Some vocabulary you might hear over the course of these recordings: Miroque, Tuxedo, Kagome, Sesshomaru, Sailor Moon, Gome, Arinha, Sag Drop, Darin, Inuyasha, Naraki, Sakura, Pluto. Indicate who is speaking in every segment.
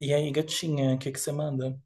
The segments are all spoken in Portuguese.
Speaker 1: E aí, gatinha, o que que você manda?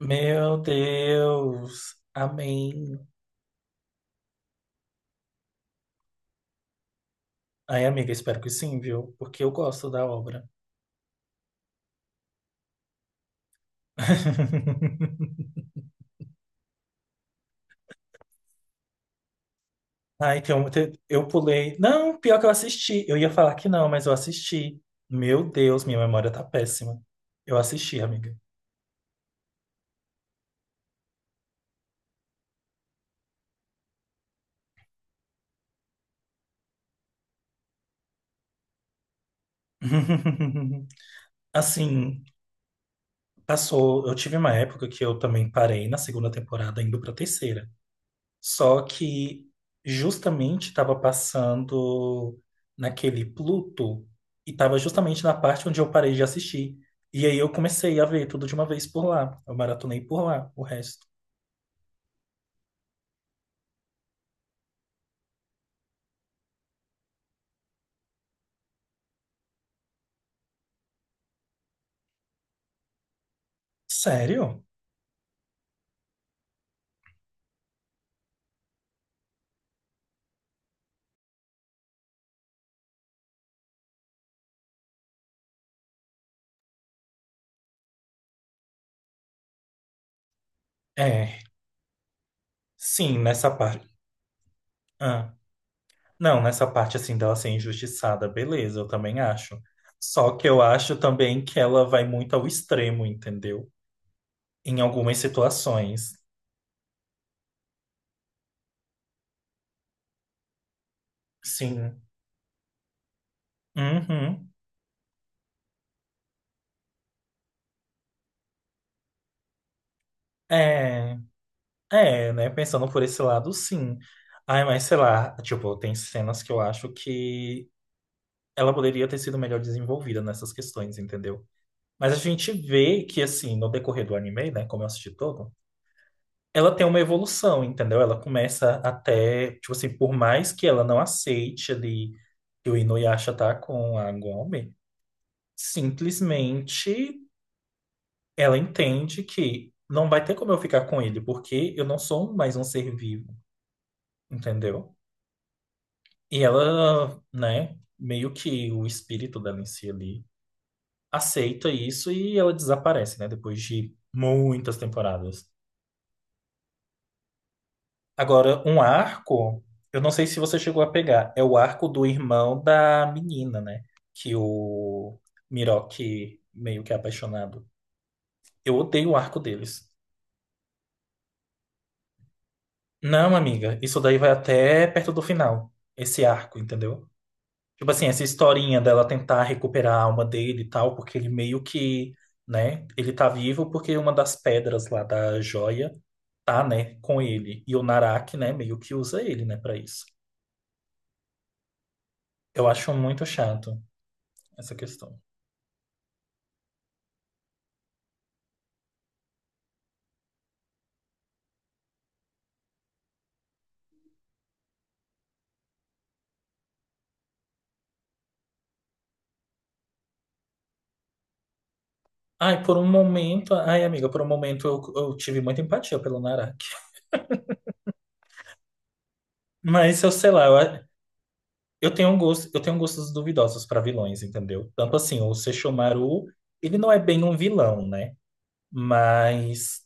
Speaker 1: Meu Deus, amém. Ai, amiga, espero que sim, viu? Porque eu gosto da obra. Ai, eu pulei. Não, pior que eu assisti. Eu ia falar que não, mas eu assisti. Meu Deus, minha memória tá péssima. Eu assisti, amiga. Assim, passou. Eu tive uma época que eu também parei na segunda temporada, indo pra terceira. Só que justamente estava passando naquele Pluto e estava justamente na parte onde eu parei de assistir. E aí eu comecei a ver tudo de uma vez por lá. Eu maratonei por lá, o resto. Sério? É, sim, nessa parte. Ah, não, nessa parte assim dela ser injustiçada, beleza, eu também acho. Só que eu acho também que ela vai muito ao extremo, entendeu? Em algumas situações. Sim. Uhum. É. É, né? Pensando por esse lado, sim. Ai, mas sei lá, tipo, tem cenas que eu acho que ela poderia ter sido melhor desenvolvida nessas questões, entendeu? Mas a gente vê que, assim, no decorrer do anime, né, como eu assisti todo, ela tem uma evolução, entendeu? Ela começa até, tipo assim, por mais que ela não aceite ali que o Inuyasha tá com a Gome, simplesmente ela entende que não vai ter como eu ficar com ele, porque eu não sou mais um ser vivo, entendeu? E ela, né, meio que o espírito dela em si ali aceita isso e ela desaparece, né, depois de muitas temporadas. Agora, um arco, eu não sei se você chegou a pegar, é o arco do irmão da menina, né, que o Miroque meio que é apaixonado. Eu odeio o arco deles. Não, amiga, isso daí vai até perto do final, esse arco, entendeu? Tipo assim, essa historinha dela tentar recuperar a alma dele e tal, porque ele meio que, né, ele tá vivo porque uma das pedras lá da joia tá, né, com ele. E o Naraki, né, meio que usa ele, né, pra isso. Eu acho muito chato essa questão. Ai, por um momento, ai, amiga, por um momento eu tive muita empatia pelo Naraki. Mas eu sei lá, eu eu tenho gostos duvidosos pra vilões, entendeu? Tanto assim, o Sesshomaru, ele não é bem um vilão, né? Mas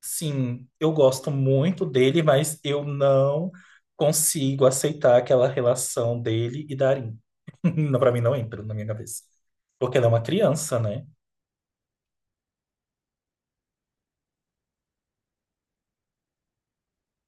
Speaker 1: sim, eu gosto muito dele, mas eu não consigo aceitar aquela relação dele e Darin. Não, para mim não entra na minha cabeça. Porque ela é uma criança, né?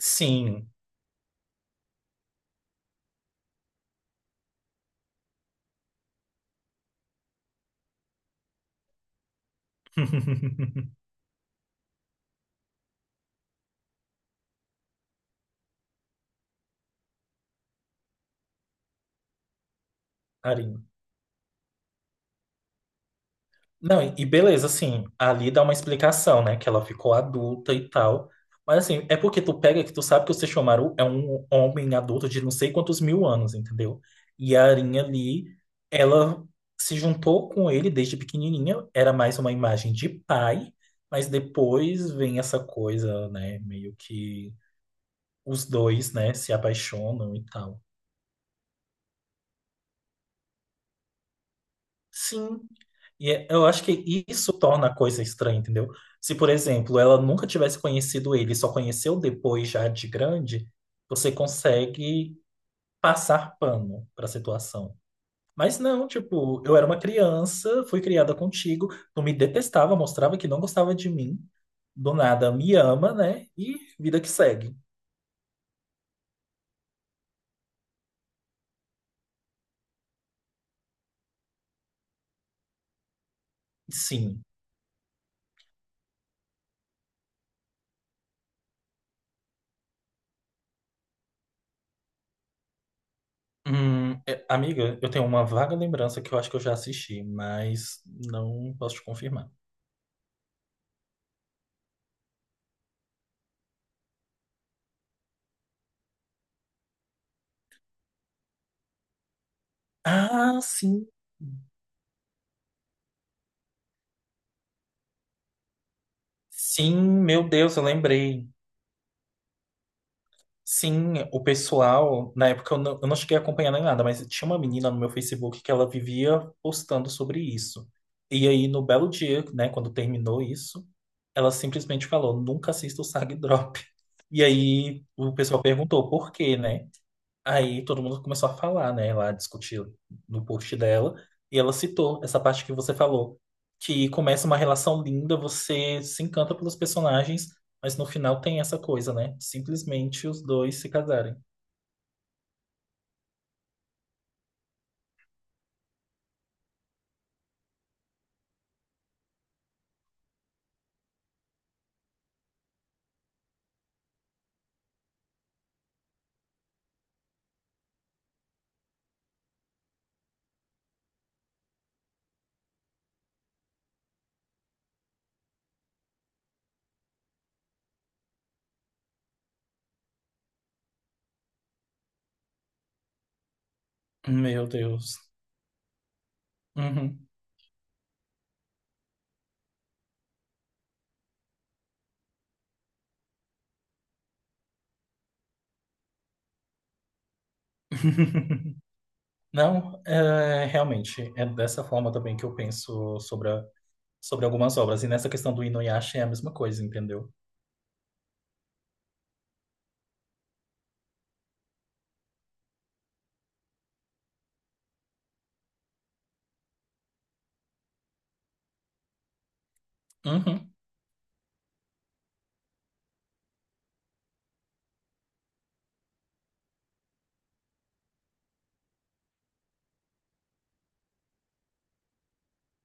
Speaker 1: Sim. Darin. Não, e beleza, assim, ali dá uma explicação, né? Que ela ficou adulta e tal. Mas assim, é porque tu pega que tu sabe que o Sesshomaru é um homem adulto de não sei quantos mil anos, entendeu? E a Arinha ali, ela se juntou com ele desde pequenininha, era mais uma imagem de pai, mas depois vem essa coisa, né? Meio que os dois, né, se apaixonam e tal. Sim, eu acho que isso torna a coisa estranha, entendeu? Se, por exemplo, ela nunca tivesse conhecido ele, só conheceu depois já de grande, você consegue passar pano para a situação. Mas não, tipo, eu era uma criança, fui criada contigo, tu me detestava, mostrava que não gostava de mim, do nada me ama, né? E vida que segue. Sim. Amiga, eu tenho uma vaga lembrança que eu acho que eu já assisti, mas não posso te confirmar. Ah, sim. Sim, meu Deus, eu lembrei. Sim, o pessoal, na época eu não cheguei a acompanhar nem nada, mas tinha uma menina no meu Facebook que ela vivia postando sobre isso. E aí, no belo dia, né, quando terminou isso, ela simplesmente falou: nunca assista o Sag Drop. E aí, o pessoal perguntou por quê, né? Aí todo mundo começou a falar, né? Lá discutir no post dela. E ela citou essa parte que você falou, que começa uma relação linda, você se encanta pelos personagens, mas no final tem essa coisa, né? Simplesmente os dois se casarem. Meu Deus. Uhum. Não, é, realmente, é dessa forma também que eu penso sobre algumas obras. E nessa questão do Inuyasha é a mesma coisa, entendeu? Uhum.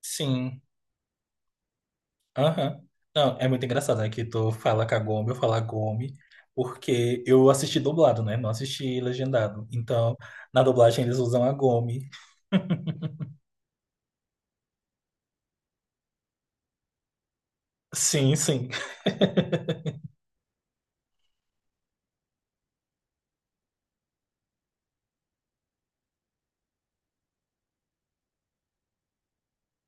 Speaker 1: Sim. Aham. Não, é muito engraçado, né? Que tu fala Kagome, eu falo Gome, porque eu assisti dublado, né? Não assisti legendado. Então, na dublagem eles usam a Gome. Sim, sim.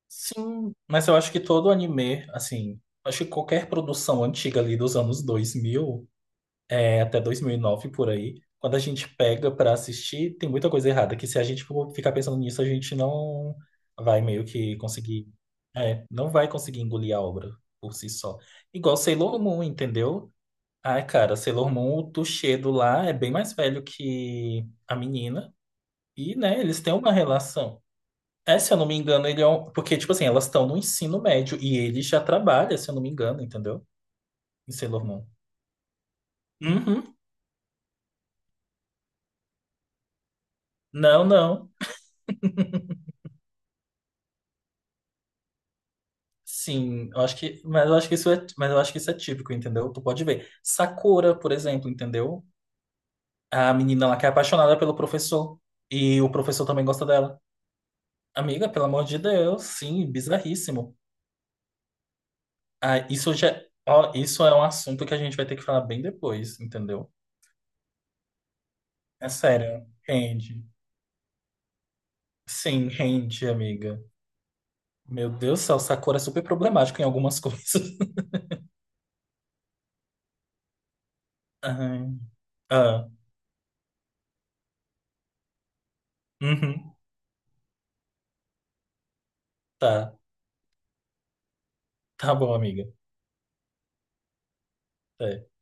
Speaker 1: Sim, mas eu acho que todo anime, assim, acho que qualquer produção antiga ali dos anos 2000, é, até 2009 por aí. Quando a gente pega pra assistir, tem muita coisa errada, que se a gente for ficar pensando nisso, a gente não vai meio que conseguir, é, não vai conseguir engolir a obra por si só. Igual Sailor Moon, entendeu? Ai, cara, Sailor Moon, o Tuxedo lá é bem mais velho que a menina. E, né, eles têm uma relação. É, se eu não me engano, ele é um... Porque, tipo assim, elas estão no ensino médio e ele já trabalha, se eu não me engano, entendeu? Em Sailor Moon. Uhum. Não, não. Sim, eu acho que, mas eu acho que isso é, mas eu acho que isso é típico, entendeu? Tu pode ver. Sakura, por exemplo, entendeu? É a menina lá que é apaixonada pelo professor e o professor também gosta dela. Amiga, pelo amor de Deus, sim, bizarríssimo. Ah, isso já, ó, isso é um assunto que a gente vai ter que falar bem depois, entendeu? É sério, rende. Sim, rende, amiga. Meu Deus do céu, Sakura é super problemático em algumas coisas. Ai, ah, uhum, tá, tá bom, amiga. É.